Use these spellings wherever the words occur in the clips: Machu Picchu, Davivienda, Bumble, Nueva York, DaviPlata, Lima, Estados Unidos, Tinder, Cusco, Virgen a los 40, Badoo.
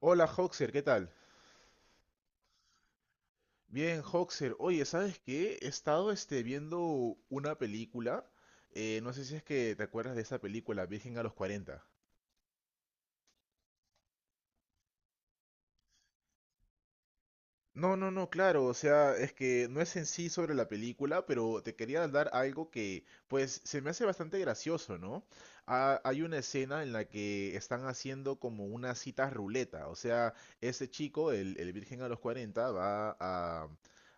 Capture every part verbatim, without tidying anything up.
Hola Hoxer, ¿qué tal? Bien, Hoxer, oye, ¿sabes qué? He estado este, viendo una película, eh, no sé si es que te acuerdas de esa película, Virgen a los cuarenta. No, no, no, claro, o sea, es que no es en sí sobre la película, pero te quería dar algo que, pues, se me hace bastante gracioso, ¿no? Ah, hay una escena en la que están haciendo como una cita ruleta, o sea, este chico, el, el virgen a los cuarenta, va a,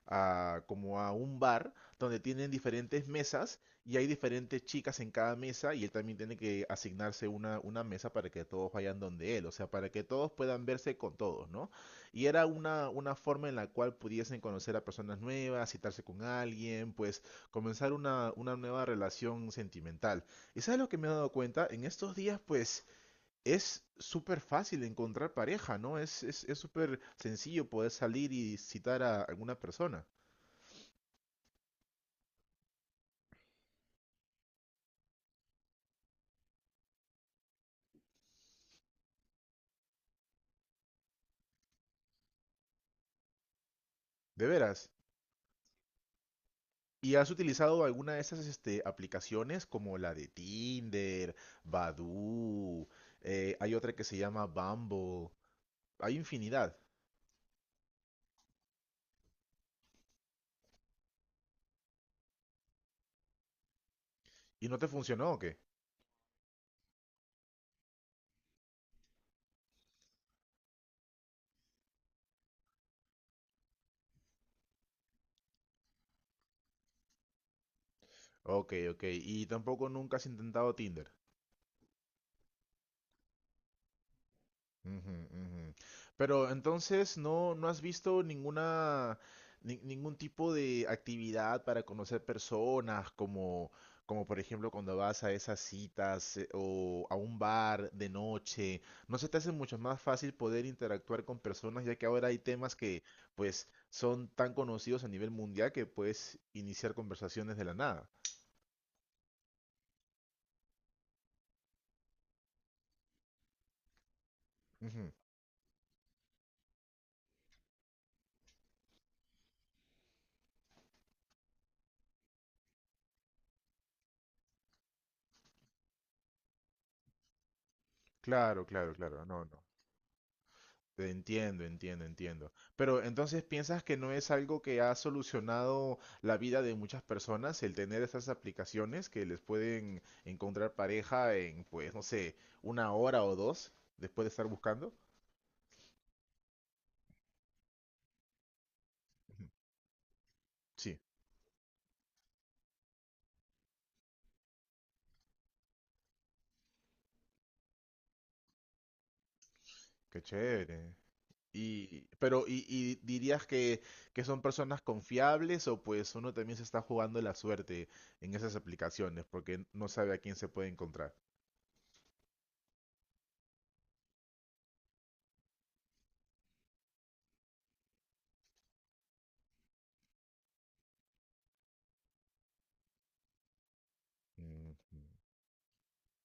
a como a un bar donde tienen diferentes mesas y hay diferentes chicas en cada mesa y él también tiene que asignarse una, una mesa para que todos vayan donde él, o sea, para que todos puedan verse con todos, ¿no? Y era una, una forma en la cual pudiesen conocer a personas nuevas, citarse con alguien, pues comenzar una, una nueva relación sentimental. ¿Y sabes lo que me he dado cuenta? En estos días, pues es súper fácil encontrar pareja, ¿no? Es, es, es súper sencillo poder salir y citar a alguna persona. ¿De veras? ¿Y has utilizado alguna de esas este, aplicaciones como la de Tinder, Badoo? Eh, hay otra que se llama Bumble. Hay infinidad. ¿Y no te funcionó o qué? Ok, ok. Y tampoco nunca has intentado Tinder. Ujú, ujú. Pero entonces no, no has visto ninguna ni- ningún tipo de actividad para conocer personas, como, como por ejemplo cuando vas a esas citas eh, o a un bar de noche. ¿No se te hace mucho más fácil poder interactuar con personas, ya que ahora hay temas que pues son tan conocidos a nivel mundial que puedes iniciar conversaciones de la nada? Ujú. Claro, claro, claro. No, no. Entiendo, entiendo, entiendo. Pero entonces, ¿piensas que no es algo que ha solucionado la vida de muchas personas el tener esas aplicaciones que les pueden encontrar pareja en, pues, no sé, una hora o dos después de estar buscando? Ujú. Sí, qué chévere. Y, pero, ¿y, y dirías que, que son personas confiables o pues uno también se está jugando la suerte en esas aplicaciones porque no sabe a quién se puede encontrar? Ujú.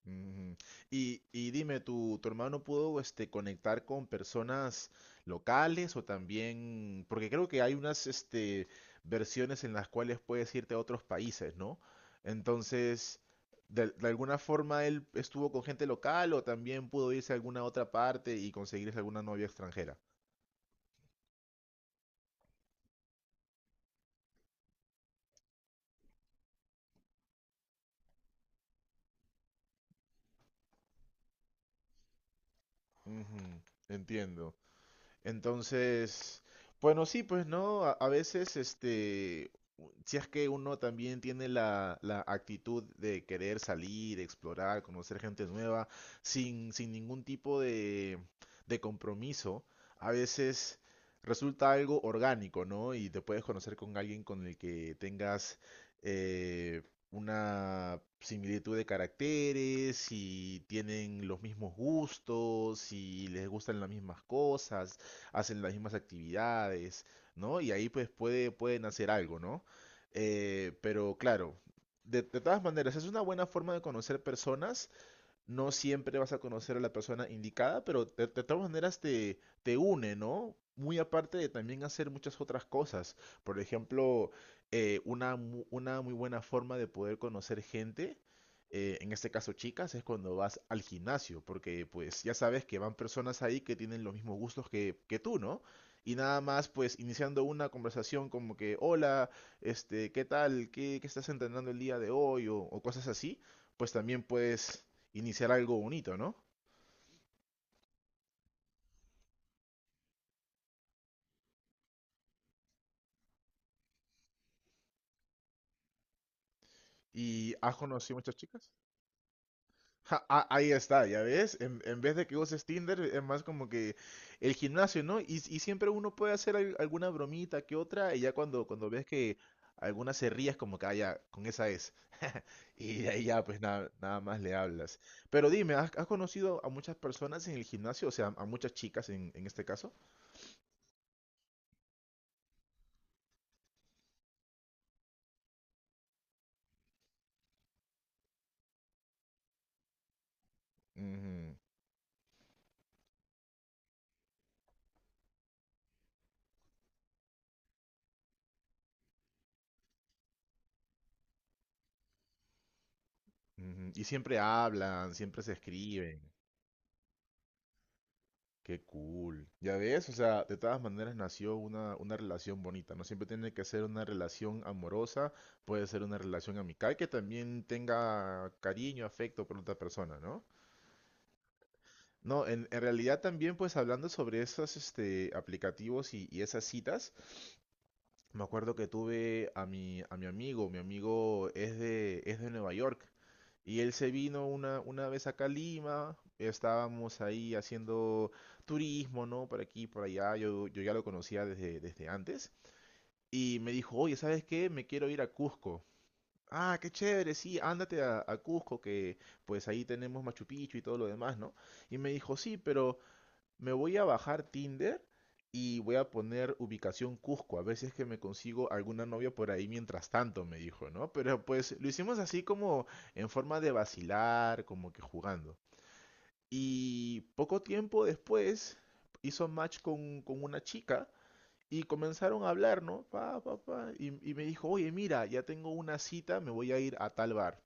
Ujú. Y, y dime, ¿tu, tu hermano pudo este, conectar con personas locales o también, porque creo que hay unas este, versiones en las cuales puedes irte a otros países, ¿no? Entonces, de, de alguna forma él estuvo con gente local o también pudo irse a alguna otra parte y conseguirse alguna novia extranjera. Ujú. Entiendo. Entonces, bueno, sí, pues no, a, a veces este, u- si es que uno también tiene la, la actitud de querer salir, explorar, conocer gente nueva, sin, sin ningún tipo de, de compromiso, a veces resulta algo orgánico, ¿no? Y te puedes conocer con alguien con el que tengas eh, una similitud de caracteres, y tienen los mismos gustos, y les gustan las mismas cosas, hacen las mismas actividades, ¿no? Y ahí pues puede, pueden hacer algo, ¿no? Eh, pero claro, de, de todas maneras, es una buena forma de conocer personas, no siempre vas a conocer a la persona indicada, pero de, de todas maneras te, te une, ¿no? Muy aparte de también hacer muchas otras cosas. Por ejemplo, eh, una, mu- una muy buena forma de poder conocer gente, eh, en este caso chicas, es cuando vas al gimnasio, porque pues ya sabes que van personas ahí que tienen los mismos gustos que, que tú, ¿no? Y nada más pues iniciando una conversación como que, hola, este, ¿qué tal? ¿Qué, qué estás entrenando el día de hoy? O, o cosas así, pues también puedes iniciar algo bonito, ¿no? ¿Y has conocido muchas chicas? Ja, ah, ahí está, ya ves, en, en vez de que uses Tinder, es más como que el gimnasio, ¿no? Y, y siempre uno puede hacer al- alguna bromita que otra, y ya cuando, cuando ves que alguna se ríe, es como que, ah, ya, con esa es. Y de ahí ya, pues nada, nada más le hablas. Pero dime, ¿has, has conocido a muchas personas en el gimnasio? O sea, a muchas chicas en, en este caso. Ujú, ujú. Y siempre hablan, siempre se escriben. Qué cool. Ya ves, o sea, de todas maneras nació una, una relación bonita. No siempre tiene que ser una relación amorosa, puede ser una relación amical que también tenga cariño, afecto por otra persona, ¿no? No, en, en realidad también pues hablando sobre esos este, aplicativos y, y esas citas, me acuerdo que tuve a mi, a mi amigo, mi amigo es de, es de Nueva York, y él se vino una, una vez acá a Lima, estábamos ahí haciendo turismo, ¿no? Por aquí, por allá, yo, yo ya lo conocía desde, desde antes, y me dijo, oye, ¿sabes qué? Me quiero ir a Cusco. Ah, qué chévere, sí, ándate a, a Cusco, que pues ahí tenemos Machu Picchu y todo lo demás, ¿no? Y me dijo, sí, pero me voy a bajar Tinder y voy a poner ubicación Cusco, a ver si es que me consigo alguna novia por ahí mientras tanto, me dijo, ¿no? Pero pues lo hicimos así como en forma de vacilar, como que jugando. Y poco tiempo después hizo match con, con una chica y comenzaron a hablar, ¿no? Pa, pa, pa, y, y me dijo, oye, mira, ya tengo una cita, me voy a ir a tal bar.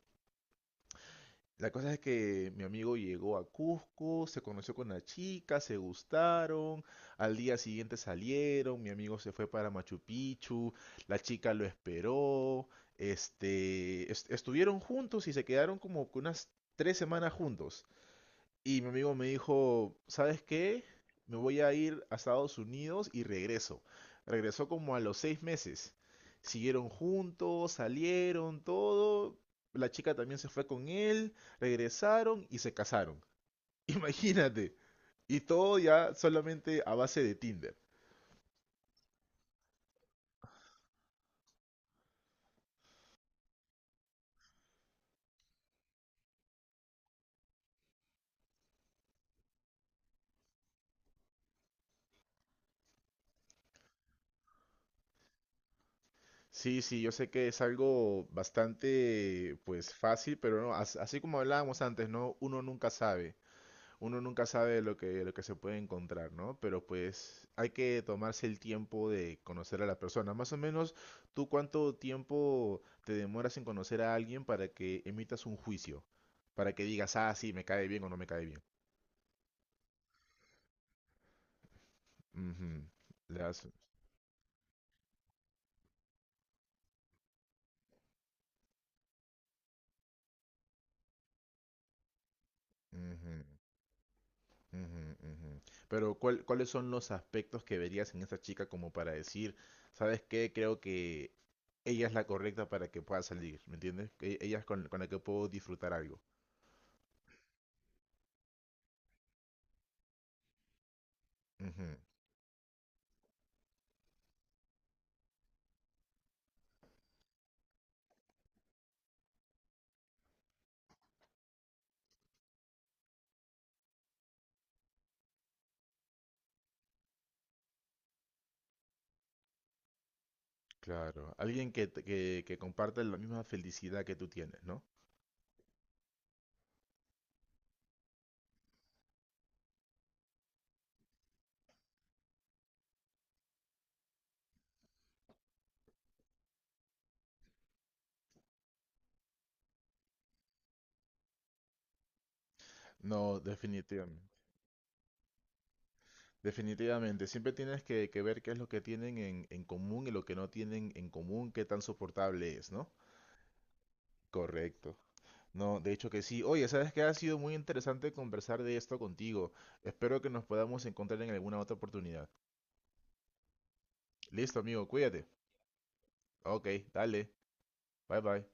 La cosa es que mi amigo llegó a Cusco, se conoció con la chica, se gustaron, al día siguiente salieron, mi amigo se fue para Machu Picchu, la chica lo esperó, este, est- estuvieron juntos y se quedaron como que unas tres semanas juntos. Y mi amigo me dijo, ¿sabes qué? Me voy a ir a Estados Unidos y regreso. Regresó como a los seis meses. Siguieron juntos, salieron, todo. La chica también se fue con él, regresaron y se casaron. Imagínate. Y todo ya solamente a base de Tinder. Sí, sí, yo sé que es algo bastante, pues, fácil, pero no, as- así como hablábamos antes, ¿no? Uno nunca sabe. Uno nunca sabe lo que, lo que se puede encontrar, ¿no? Pero pues hay que tomarse el tiempo de conocer a la persona. Más o menos, ¿tú cuánto tiempo te demoras en conocer a alguien para que emitas un juicio? Para que digas, ah, sí, me cae bien o no me cae bien. Ujú. Le das, ujú, ujú, ujú. Pero ¿cuál- cuáles son los aspectos que verías en esta chica como para decir, ¿sabes qué? Creo que ella es la correcta para que pueda salir, ¿me entiendes? Que ella es con, con la que puedo disfrutar algo. Claro, alguien que, te- que, que comparte la misma felicidad que tú tienes, ¿no? No, definitivamente. Definitivamente, siempre tienes que, que ver qué es lo que tienen en, en común y lo que no tienen en común, qué tan soportable es, ¿no? Correcto. No, de hecho que sí. Oye, sabes que ha sido muy interesante conversar de esto contigo. Espero que nos podamos encontrar en alguna otra oportunidad. Listo, amigo, cuídate. Ok, dale. Bye bye.